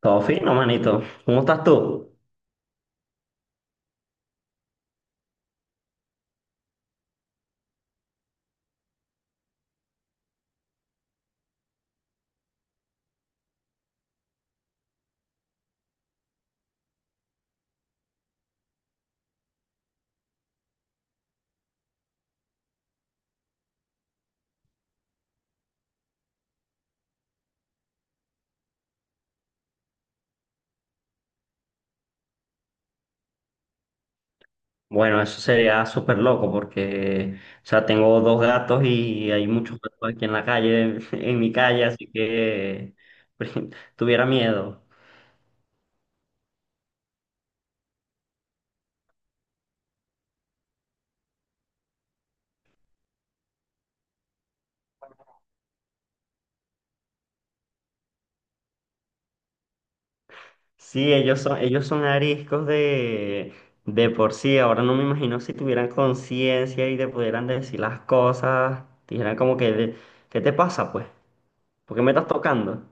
Todo fino, manito. ¿Cómo estás tú? Bueno, eso sería súper loco porque, o sea, tengo dos gatos y hay muchos gatos aquí en la calle, en mi calle, así que tuviera miedo. Sí, ellos son ariscos de por sí. Ahora no me imagino si tuvieran conciencia y te pudieran decir las cosas. Dijeran como que, ¿qué te pasa, pues? ¿Por qué me estás tocando?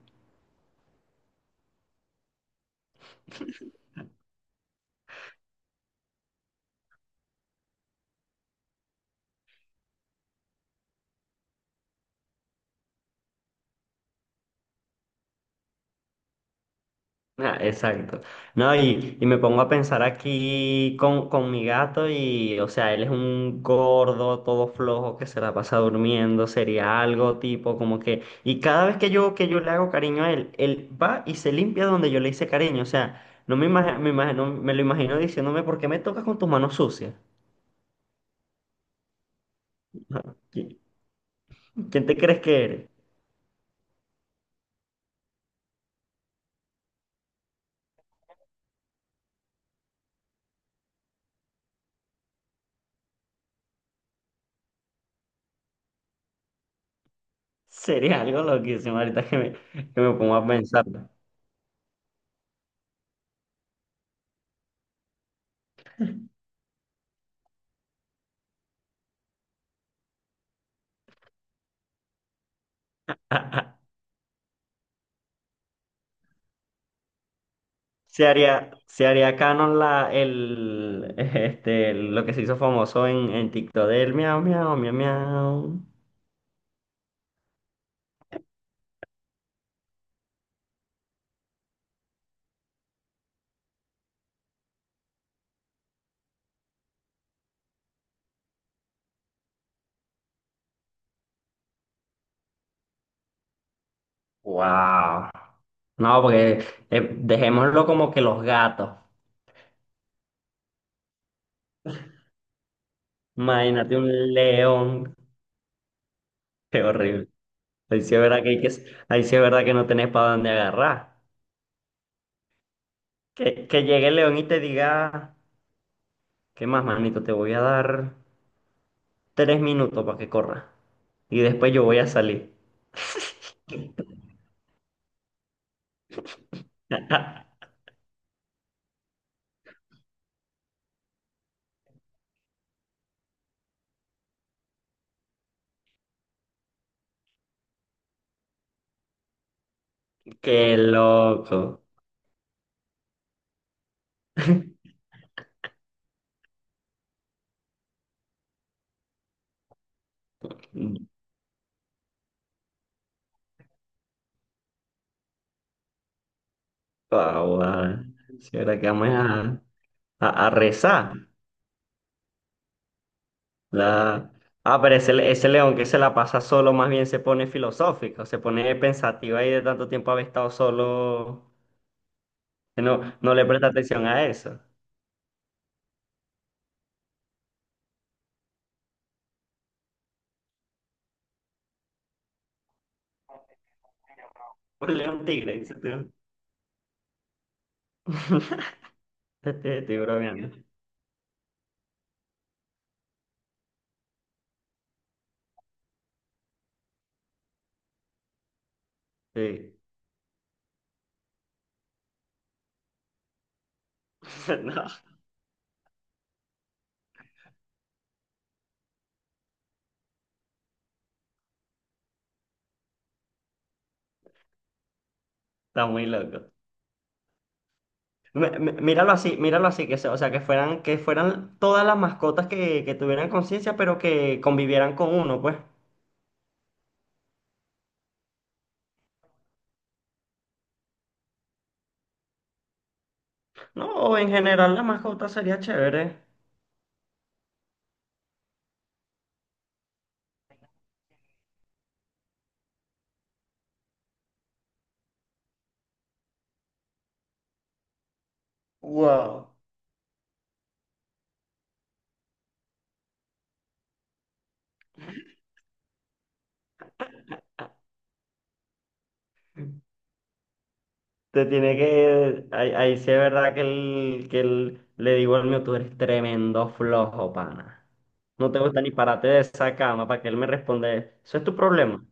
Ah, exacto. No, y me pongo a pensar aquí con mi gato y, o sea, él es un gordo, todo flojo, que se la pasa durmiendo, sería algo tipo como que... Y cada vez que yo le hago cariño a él, él va y se limpia donde yo le hice cariño. O sea, no me imagino, me imagino, me lo imagino diciéndome, ¿por qué me tocas con tus manos sucias? ¿Qui- ¿Quién te crees que eres? Sería algo loquísimo que me pongo a pensar. Se haría canon lo que se hizo famoso en TikTok del miau, miau, miau, miau. Wow. No, porque dejémoslo como que los gatos. Imagínate un león. Qué horrible. Ahí sí es verdad que, hay que, ahí sí es verdad que no tenés para dónde agarrar. Que llegue el león y te diga, ¿qué más, manito? Te voy a dar 3 minutos para que corra. Y después yo voy a salir. Qué loco. Ahora, si ahora que vamos a rezar. La... Ah, ese león que se la pasa solo más bien se pone filosófico, se pone pensativo ahí de tanto tiempo haber estado solo, que no, no le presta atención a eso. Un león tigre, dice tú. Estoy bromeando. Sí. No, está muy loco. Míralo así, o sea, que fueran todas las mascotas que tuvieran conciencia, pero que convivieran con uno, pues. No, en general la mascota sería chévere. Wow. Te tiene que. Ahí sí es verdad que le digo al mío, tú eres tremendo flojo, pana. No te gusta ni pararte de esa cama para que él me responda. Eso es tu problema.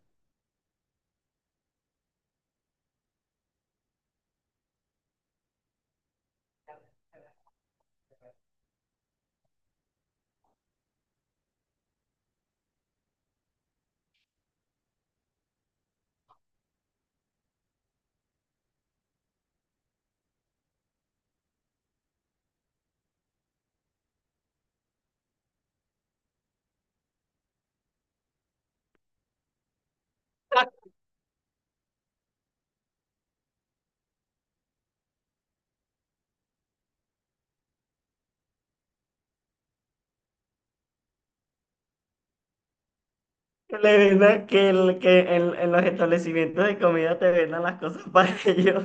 Le vendan que, el, que en los establecimientos de comida te vendan las cosas para ellos.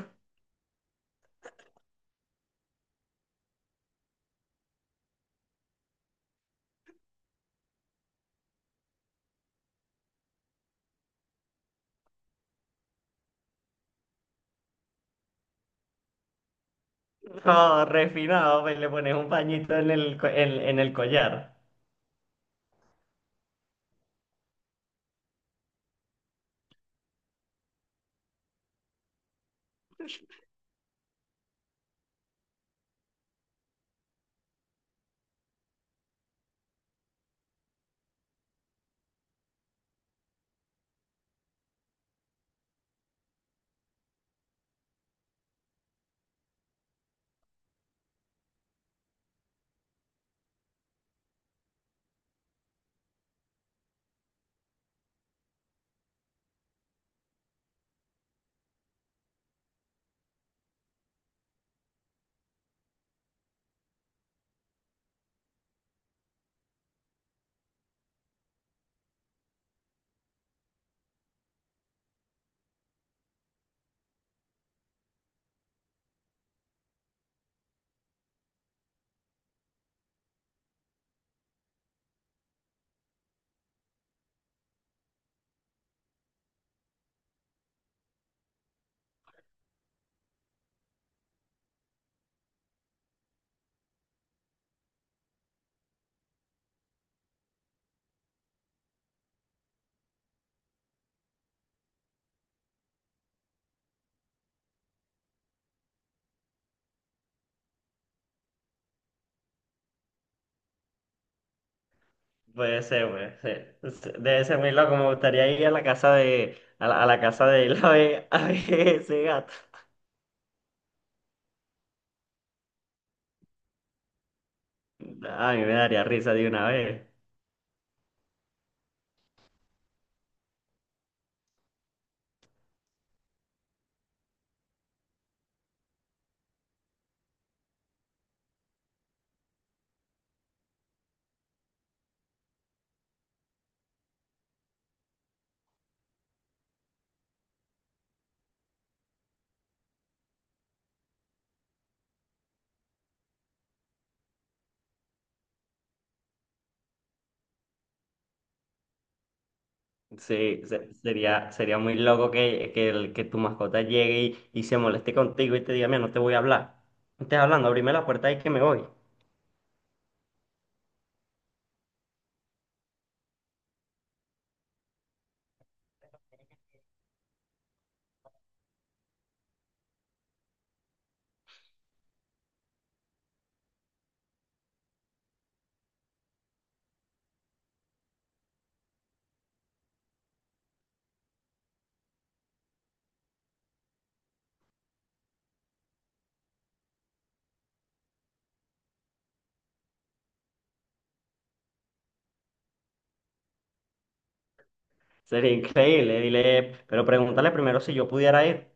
No, refinado, pues le pones un pañito en el collar. Puede ser, puede ser. Es- Debe ser muy loco. Me gustaría ir a la casa de él a ver ese gato. A mí me daría risa de una vez. Sí, sería muy loco que tu mascota llegue y se moleste contigo y te diga, mira, no te voy a hablar. No estés hablando, abrime la puerta y que me voy. Sería increíble. Dile, pero pregúntale primero si yo pudiera ir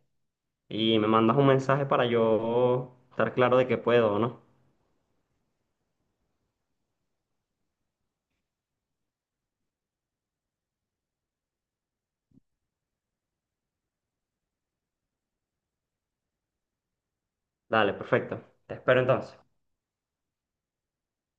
y me mandas un mensaje para yo estar claro de que puedo o no. Dale, perfecto. Te espero entonces.